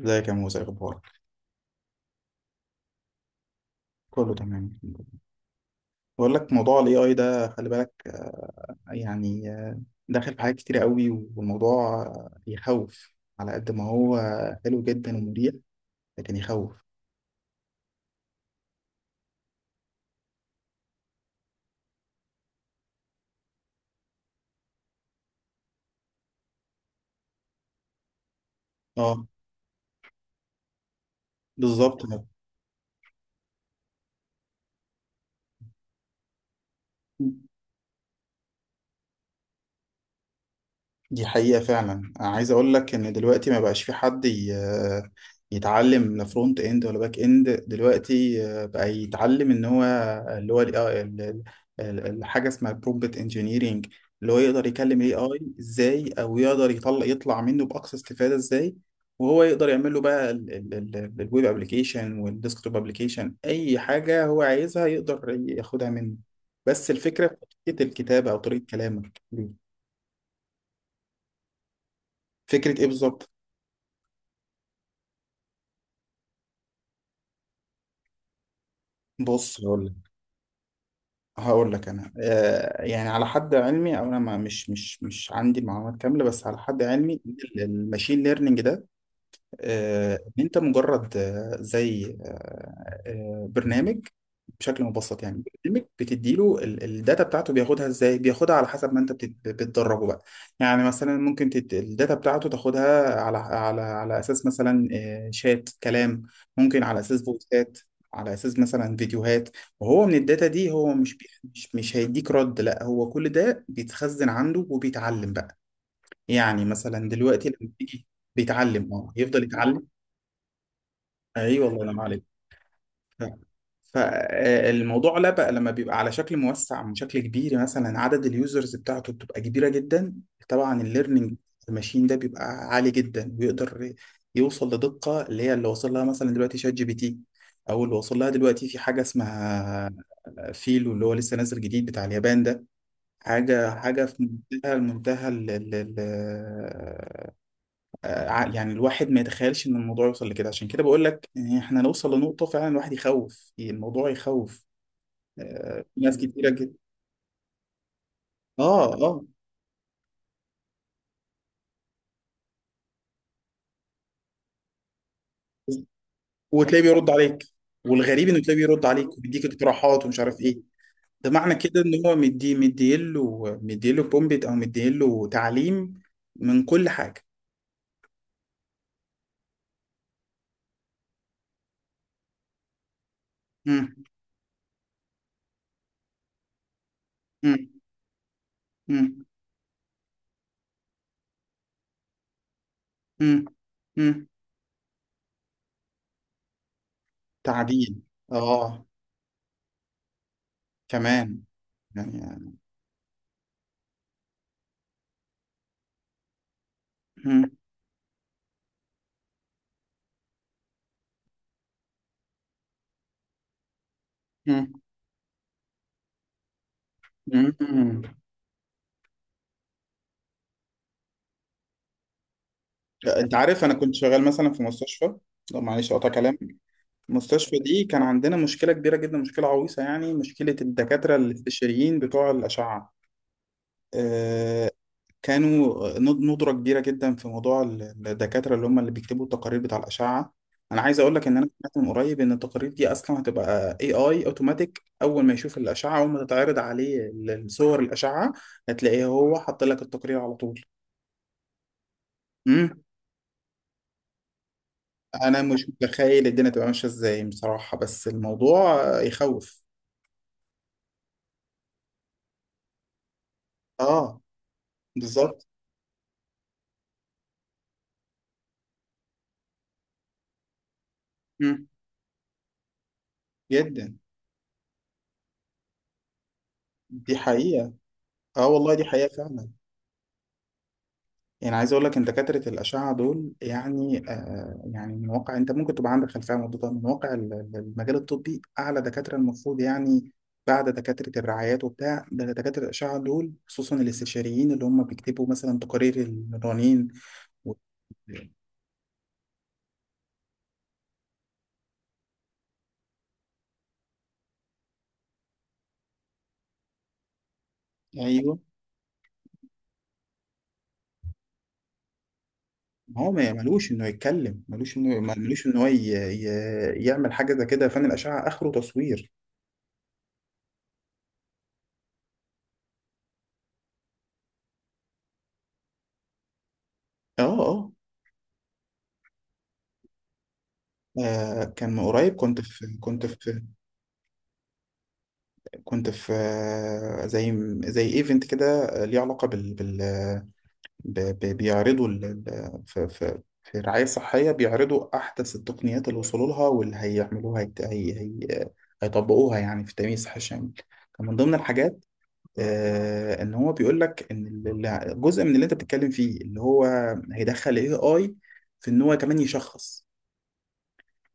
ازيك يا موسى، إيه اخبارك؟ كله تمام، الحمد لله. بقول لك موضوع الاي اي ده، خلي بالك. يعني داخل في حاجات كتير قوي، والموضوع يخوف. على قد ما هو حلو جدا ومريح، لكن يخوف. اه، بالظبط، دي حقيقة فعلا. أنا عايز أقول لك إن دلوقتي ما بقاش في حد يتعلم لا فرونت إند ولا باك إند. دلوقتي بقى يتعلم إن هو اللي هو ال آه، ال- ال- ال- الحاجة اسمها برومبت إنجينيرينج، اللي هو يقدر يكلم ال AI إزاي، أو يقدر يطلع منه بأقصى استفادة إزاي. وهو يقدر يعمل له بقى الويب أبلكيشن والديسكتوب أبلكيشن، أي حاجة هو عايزها يقدر ياخدها منه. بس الفكرة في طريقة الكتابة أو طريقة كلامك. فكرة إيه بالظبط؟ بص هقول لك. انا يعني على حد علمي، او انا ما مش مش مش عندي معلومات كامله، بس على حد علمي الماشين ليرنينج ده، ان انت مجرد زي برنامج، بشكل مبسط. يعني برنامج بتديله الداتا بتاعته، بياخدها ازاي؟ بياخدها على حسب ما انت بتدربه بقى. يعني مثلا ممكن الداتا بتاعته تاخدها على اساس مثلا، شات كلام، ممكن على اساس فويسات، على اساس مثلا فيديوهات. وهو من الداتا دي هو مش بي... مش مش هيديك رد، لا هو كل ده بيتخزن عنده وبيتعلم بقى. يعني مثلا دلوقتي لما تيجي بيتعلم، اه يفضل يتعلم. ايوه الله ينعم عليك. فالموضوع لا بقى لما بيبقى على شكل موسع، من شكل كبير، مثلا عدد اليوزرز بتاعته بتبقى كبيره جدا، طبعا الليرنينج الماشين ده بيبقى عالي جدا، ويقدر يوصل لدقه اللي هي اللي وصل لها مثلا دلوقتي شات جي بي تي، او اللي وصل لها دلوقتي في حاجه اسمها فيلو، اللي هو لسه نازل جديد بتاع اليابان ده. حاجه حاجه في منتهى منتهى ال- يعني الواحد ما يتخيلش ان الموضوع يوصل لكده. عشان كده بقول لك إن احنا نوصل لنقطة فعلا الواحد يخوف، الموضوع يخوف. في ناس كتيرة جدا. اه، اه، وتلاقيه بيرد عليك. والغريب انه تلاقيه بيرد عليك، وبيديك اقتراحات ومش عارف ايه. ده معنى كده ان هو مديله بومبيت او مديله تعليم من كل حاجة. مم. مم. مم. مم. مم. تعديل. اه، كمان يعني. مم. مم. مم. انت عارف انا كنت شغال مثلا في مستشفى. لا معلش، اقطع كلام. المستشفى دي كان عندنا مشكله كبيره جدا، مشكله عويصه يعني، مشكله الدكاتره الاستشاريين بتوع الاشعه. آه، كانوا ندره كبيره جدا في موضوع الدكاتره اللي هم اللي بيكتبوا التقارير بتاع الاشعه. انا عايز اقول لك ان انا سمعت من قريب ان التقارير دي اصلا هتبقى اي اي اوتوماتيك. اول ما يشوف الاشعه، اول ما تتعرض عليه الصور الاشعه، هتلاقيه هو حط لك التقرير على طول. انا مش متخيل الدنيا تبقى ماشيه ازاي بصراحه، بس الموضوع يخوف. اه، بالظبط. مم. جدا. دي حقيقه. اه والله، دي حقيقه فعلا. يعني عايز اقول لك ان دكاتره الاشعه دول، يعني يعني من واقع انت ممكن تبقى عندك خلفيه عن الموضوع ده، من واقع المجال الطبي اعلى دكاتره، المفروض يعني بعد دكاتره الرعايات وبتاع ده دكاتره الاشعه دول، خصوصا الاستشاريين اللي هم بيكتبوا مثلا تقارير المرانين. و... ايوه. ما هو ملوش انه يتكلم، ملوش ان هو يعمل حاجه زي كده. فن الاشعه اخره تصوير. اه، اه. كان من قريب كنت في زي ايفنت كده، ليه علاقه بيعرضوا في الرعايه الصحيه، بيعرضوا احدث التقنيات اللي وصلوا لها، واللي هيعملوها هي... هي... هي... هيطبقوها يعني في التأمين الصحي الشامل. كان من ضمن الحاجات ان هو بيقول لك ان جزء من اللي انت بتتكلم فيه اللي هو هيدخل اي اي، في ان هو كمان يشخص.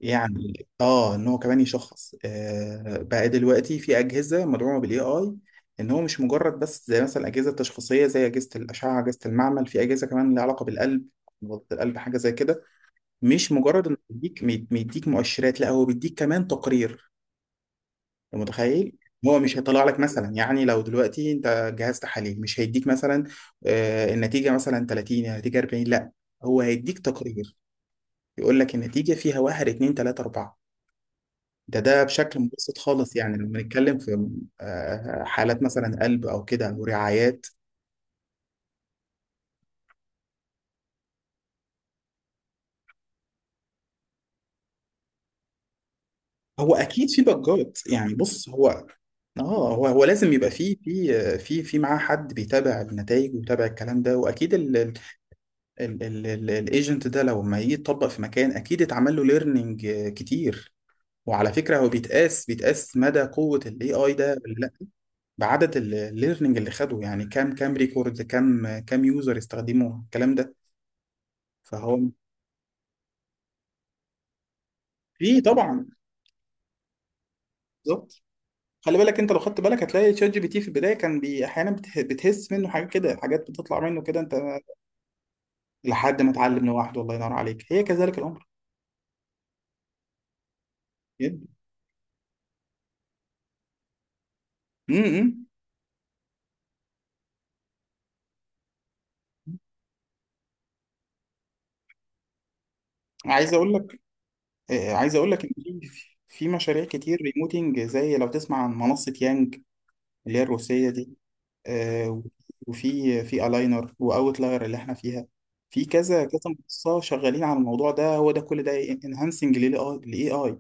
يعني ان هو كمان يشخص. بقى دلوقتي في اجهزه مدعومه بالاي اي، ان هو مش مجرد بس زي مثلا الاجهزه التشخيصيه، زي اجهزه الاشعه، اجهزه المعمل، في اجهزه كمان لها علاقه بالقلب، نبضة القلب، حاجه زي كده. مش مجرد انه بيديك مؤشرات، لا هو بيديك كمان تقرير. أنت متخيل؟ هو مش هيطلع لك مثلا، يعني لو دلوقتي انت جهاز تحاليل مش هيديك مثلا النتيجه مثلا 30، النتيجه 40، لا، هو هيديك تقرير يقول لك النتيجه فيها 1 2 3 4. ده بشكل مبسط خالص، يعني لما نتكلم في حالات مثلا قلب او كده او رعايات. هو اكيد في بجات، يعني بص هو. اه، هو لازم يبقى في في آه، في في معاه حد بيتابع النتائج ويتابع الكلام ده، واكيد الايجنت ده لو ما يجي يتطبق في مكان اكيد اتعمل له ليرنينج كتير. وعلى فكره، هو بيتقاس مدى قوه الاي اي ده ولا لا بعدد الليرنينج اللي خده، يعني كام كام ريكورد، كام كام يوزر استخدموا الكلام ده. فهو في طبعا. بالظبط. خلي بالك، انت لو خدت بالك هتلاقي شات جي بي تي في البدايه كان بتهس منه حاجات كده، حاجات بتطلع منه كده انت، لحد ما اتعلم لوحده. الله ينور عليك، هي كذلك الامر. جدا. امم، إمم. عايز اقول لك، عايز اقول لك ان في مشاريع كتير ريموتنج، زي لو تسمع عن منصة يانج اللي هي الروسية دي. آه، وفي في الاينر واوتلاير اللي احنا فيها. في كذا كذا منصة شغالين على الموضوع ده، هو ده كل ده انهانسنج للاي اي.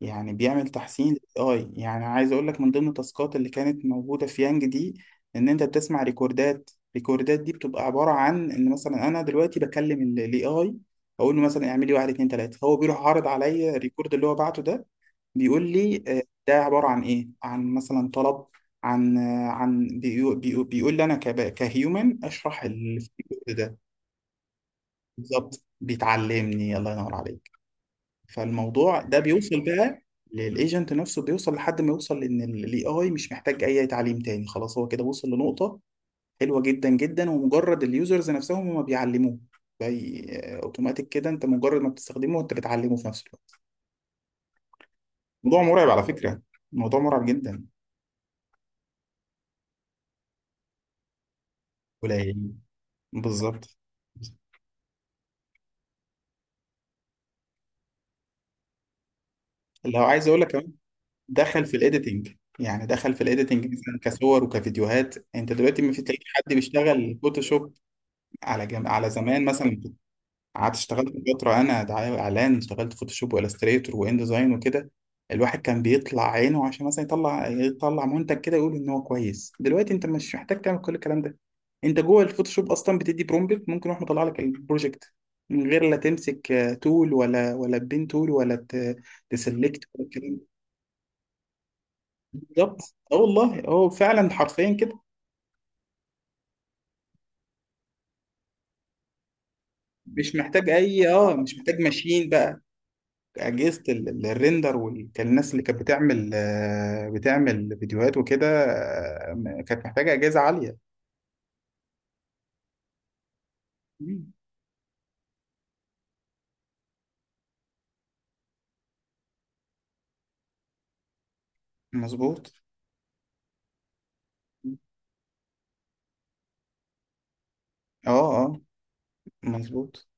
يعني بيعمل تحسين للاي. يعني عايز اقول لك، من ضمن التاسكات اللي كانت موجوده في يانج دي، ان انت بتسمع ريكوردات. ريكوردات دي بتبقى عباره عن ان مثلا انا دلوقتي بكلم الاي اي، اقول له مثلا اعمل لي واحد اتنين تلاته، هو بيروح عارض عليا الريكورد اللي هو بعته ده، بيقول لي ده عباره عن ايه، عن مثلا طلب، عن آه، عن بيقو- بيقو- بيقول لي انا كهيومن اشرح اللي في الريكورد ده. بالظبط بيتعلمني، الله ينور عليك. فالموضوع ده بيوصل بقى للايجنت نفسه، بيوصل لحد ما يوصل ان الاي اي مش محتاج اي تعليم تاني، خلاص هو كده وصل لنقطة حلوة جدا جدا، ومجرد اليوزرز نفسهم هما بيعلموه، زي اوتوماتيك كده، انت مجرد ما بتستخدمه انت بتعلمه في نفس الوقت. موضوع مرعب على فكرة، موضوع مرعب جدا. قليل. بالظبط. لو عايز اقول لك كمان، دخل في الايديتنج. يعني دخل في الايديتنج مثلا كصور وكفيديوهات. انت دلوقتي ما في تلاقي حد بيشتغل فوتوشوب. على زمان مثلا قعدت اشتغلت فترة أنا دعاية وإعلان، اشتغلت فوتوشوب وإلستريتور وإن ديزاين وكده. الواحد كان بيطلع عينه عشان مثلا يطلع منتج كده يقول إن هو كويس. دلوقتي أنت مش محتاج تعمل كل الكلام ده. أنت جوه الفوتوشوب أصلا بتدي برومبت ممكن يروح مطلع لك البروجكت من غير لا تمسك تول ولا بين تول تسلكت ولا الكلام ده. بالظبط، اه والله، هو فعلا حرفيا كده. مش محتاج ماشين. اجهزه ال- الريندر، والناس اللي كانت بتعمل بتعمل فيديوهات وكده، كانت محتاجه اجهزه عاليه. مم. مظبوط. اه، اه، مظبوط.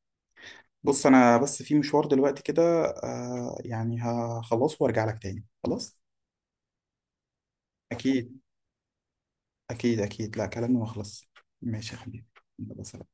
بص انا بس في مشوار دلوقتي كده، يعني هخلصه وارجع لك تاني خلاص. اكيد. اكيد اكيد، لا كلامي ما خلص. ماشي يا حبيبي. يلا، سلام.